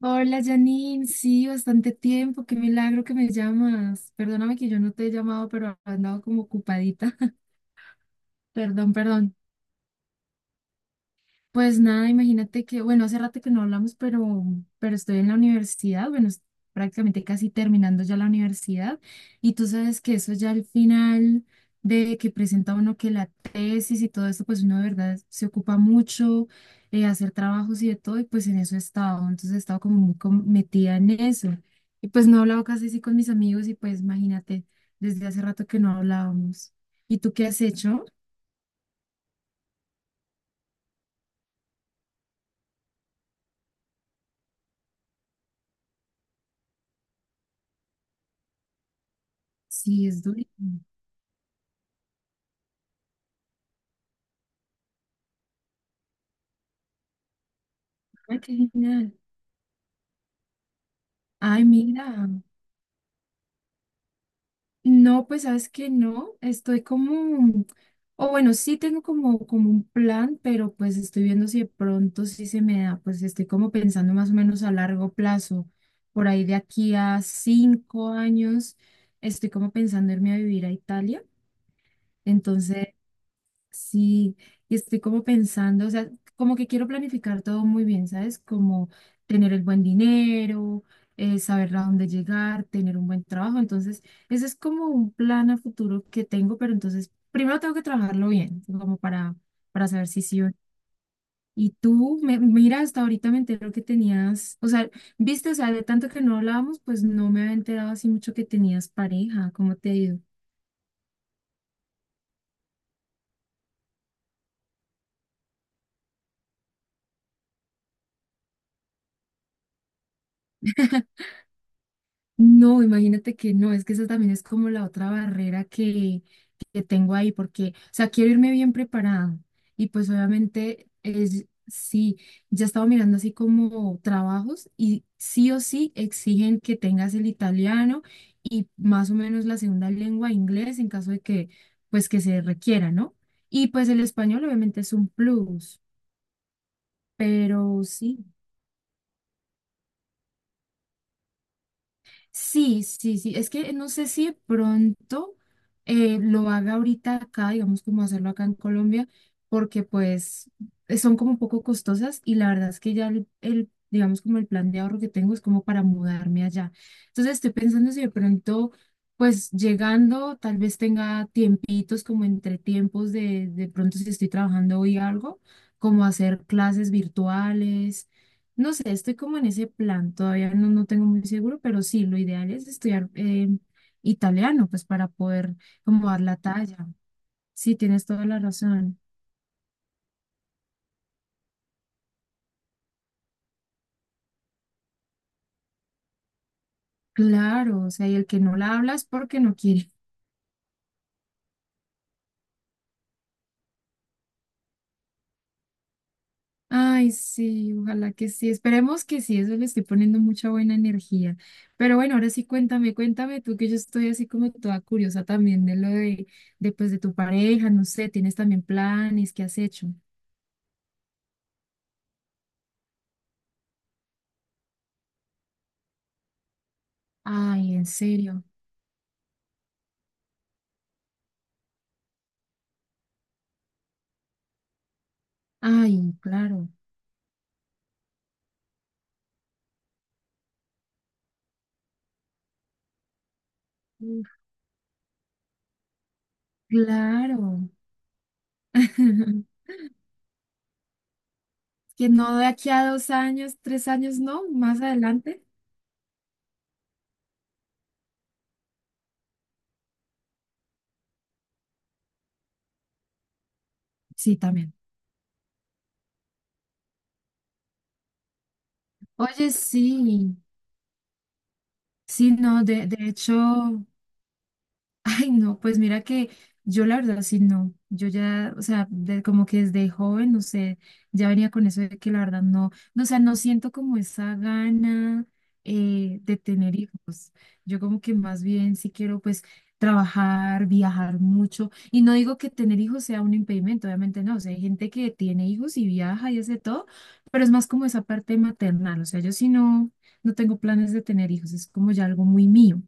Hola Janine, sí, bastante tiempo, qué milagro que me llamas. Perdóname que yo no te he llamado, pero he andado como ocupadita. Perdón. Pues nada, imagínate que, bueno, hace rato que no hablamos, pero estoy en la universidad, bueno, prácticamente casi terminando ya la universidad, y tú sabes que eso ya al final de que presenta uno que la tesis y todo esto, pues uno de verdad se ocupa mucho, hacer trabajos y de todo, y pues en eso he estado, entonces he estado como muy metida en eso, y pues no he hablado casi así con mis amigos, y pues imagínate, desde hace rato que no hablábamos. ¿Y tú qué has hecho? Sí, es durísimo. Ay, qué genial. Ay, mira. No, pues sabes que no, estoy como, o bueno, sí tengo como un plan, pero pues estoy viendo si de pronto sí se me da, pues estoy como pensando más o menos a largo plazo, por ahí de aquí a 5 años, estoy como pensando irme a vivir a Italia, entonces. Sí, y estoy como pensando, o sea, como que quiero planificar todo muy bien, ¿sabes? Como tener el buen dinero, saber a dónde llegar, tener un buen trabajo. Entonces, ese es como un plan a futuro que tengo, pero entonces primero tengo que trabajarlo bien, como para saber si sí o no. Y tú, mira, hasta ahorita me entero que tenías, o sea, viste, o sea, de tanto que no hablábamos, pues no me había enterado así mucho que tenías pareja, ¿cómo te ha ido? No, imagínate que no, es que esa también es como la otra barrera que tengo ahí, porque, o sea, quiero irme bien preparada. Y pues obviamente, es, sí, ya estaba mirando así como trabajos y sí o sí exigen que tengas el italiano y más o menos la segunda lengua inglés en caso de que, pues que se requiera, ¿no? Y pues el español obviamente es un plus, pero sí. Sí, sí, sí. Es que no sé si de pronto lo haga ahorita acá, digamos, como hacerlo acá en Colombia, porque pues son como un poco costosas y la verdad es que ya digamos, como el plan de ahorro que tengo es como para mudarme allá. Entonces estoy pensando si de pronto, pues llegando, tal vez tenga tiempitos como entre tiempos de pronto si estoy trabajando hoy algo, como hacer clases virtuales no sé, estoy como en ese plan, todavía no tengo muy seguro, pero sí, lo ideal es estudiar italiano, pues para poder como dar la talla. Sí, tienes toda la razón. Claro, o sea, y el que no la habla es porque no quiere. Ay, sí, ojalá que sí. Esperemos que sí, eso le estoy poniendo mucha buena energía. Pero bueno, ahora sí cuéntame, cuéntame tú que yo estoy así como toda curiosa también de lo de pues de tu pareja, no sé, tienes también planes, ¿qué has hecho? Ay, en serio. Ay, claro. Claro. Que no de aquí a 2 años, 3 años, no, más adelante. Sí, también. Oye, sí, sí, no, de hecho. Ay, no, pues mira que yo la verdad sí no. Yo ya, o sea, como que desde joven, no sé, ya venía con eso de que la verdad no, no, o sea, no siento como esa gana de tener hijos. Yo como que más bien sí quiero pues trabajar, viajar mucho. Y no digo que tener hijos sea un impedimento, obviamente no. O sea, hay gente que tiene hijos y viaja y hace todo, pero es más como esa parte maternal. O sea, yo sí no, no tengo planes de tener hijos, es como ya algo muy mío.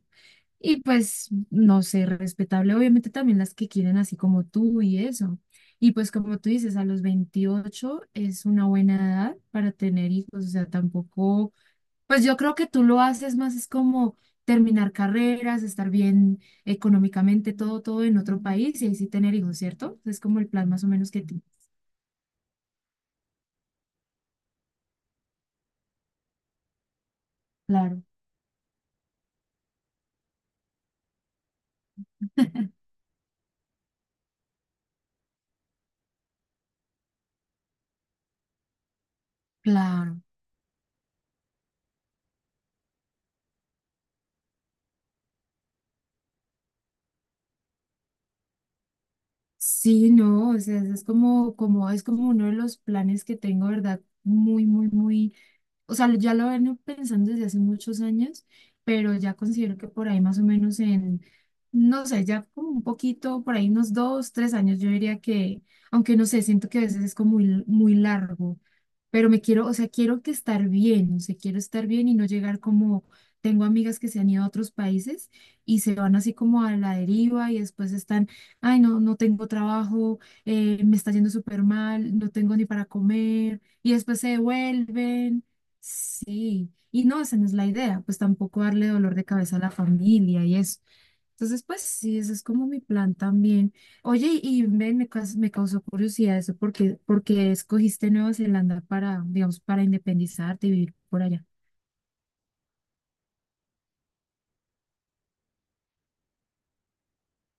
Y pues, no sé, respetable, obviamente también las que quieren así como tú y eso. Y pues como tú dices, a los 28 es una buena edad para tener hijos, o sea, tampoco, pues yo creo que tú lo haces más es como terminar carreras, estar bien económicamente, todo, todo en otro país y ahí sí tener hijos, ¿cierto? Es como el plan más o menos que tú. Claro, claro. Sí, no, o sea, es como uno de los planes que tengo, ¿verdad? Muy, muy, muy o sea, ya lo vengo pensando desde hace muchos años, pero ya considero que por ahí más o menos en, no sé, ya como un poquito, por ahí unos dos, tres años, yo diría que, aunque no sé, siento que a veces es como muy, muy largo, pero me quiero, o sea, quiero que estar bien, o sea, quiero estar bien y no llegar como, tengo amigas que se han ido a otros países y se van así como a la deriva y después están, ay, no, no tengo trabajo, me está yendo súper mal, no tengo ni para comer y después se devuelven. Sí, y no, esa no es la idea, pues tampoco darle dolor de cabeza a la familia y eso. Entonces, pues sí, ese es como mi plan también. Oye, y ven, me causó curiosidad eso, porque escogiste Nueva Zelanda para, digamos, para independizarte y vivir por allá.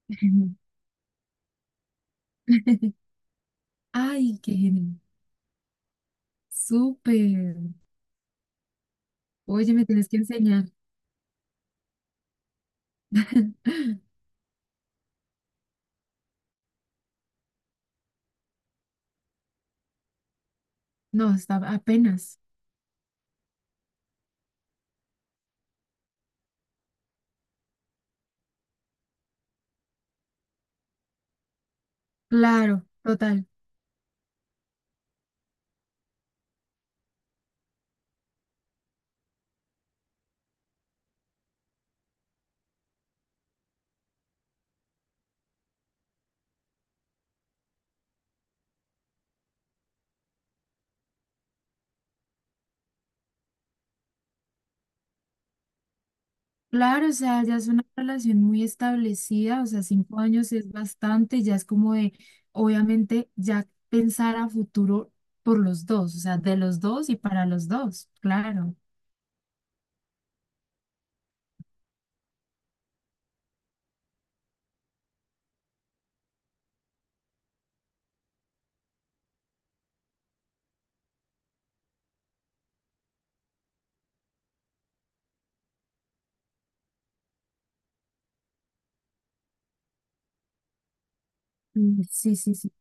Ay, qué genial. Súper. Oye, me tienes que enseñar. No, está apenas. Claro, total. Claro, o sea, ya es una relación muy establecida, o sea, 5 años es bastante, ya es como de, obviamente, ya pensar a futuro por los dos, o sea, de los dos y para los dos, claro. Mm, sí, sí, sí.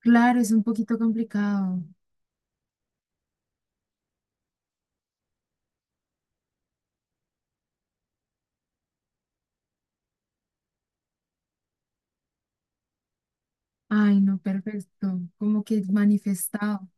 Claro, es un poquito complicado. Ay, no, perfecto, como que manifestado.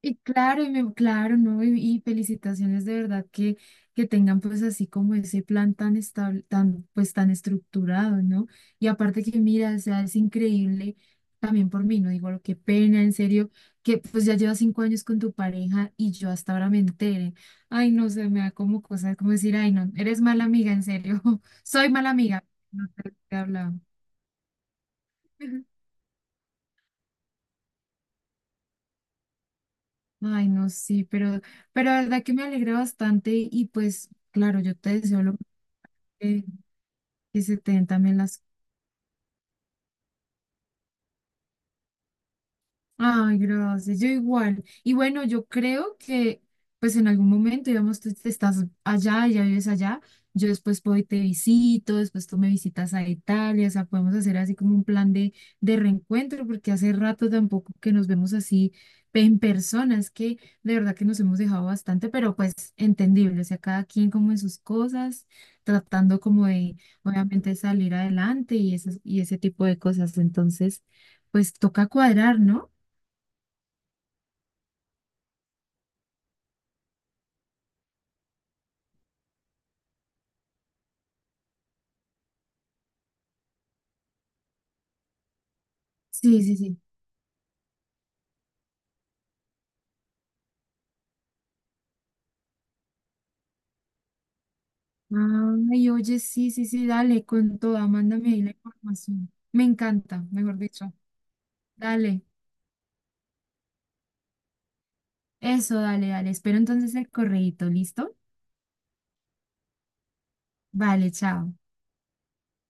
Y claro, y claro, ¿no? Y felicitaciones de verdad que tengan pues así como ese plan tan estable, tan, pues tan estructurado, ¿no? Y aparte que mira, o sea, es increíble también por mí, ¿no? Digo, qué pena, en serio, que pues ya llevas 5 años con tu pareja y yo hasta ahora me entere. Ay, no sé, me da como cosas como decir, ay, no, eres mala amiga, en serio, soy mala amiga. No te he hablado. Ay, no, sí, pero la verdad que me alegra bastante y pues, claro, yo te deseo lo eh, que se te den también las Ay, gracias, yo igual. Y bueno, yo creo que pues en algún momento, digamos, tú te estás allá, ya vives allá, yo después puedo y te visito, después tú me visitas a Italia, o sea, podemos hacer así como un plan de reencuentro, porque hace rato tampoco que nos vemos así en persona, es que de verdad que nos hemos dejado bastante, pero pues entendible, o sea, cada quien como en sus cosas, tratando como de, obviamente, salir adelante y, esas, y ese tipo de cosas. Entonces, pues toca cuadrar, ¿no? Sí, sí, sí. Ay, oye, sí, sí, sí, dale, con toda, mándame ahí la información. Me encanta, mejor dicho. Dale, eso, dale, dale. Espero entonces el correíto, ¿listo? Vale, chao.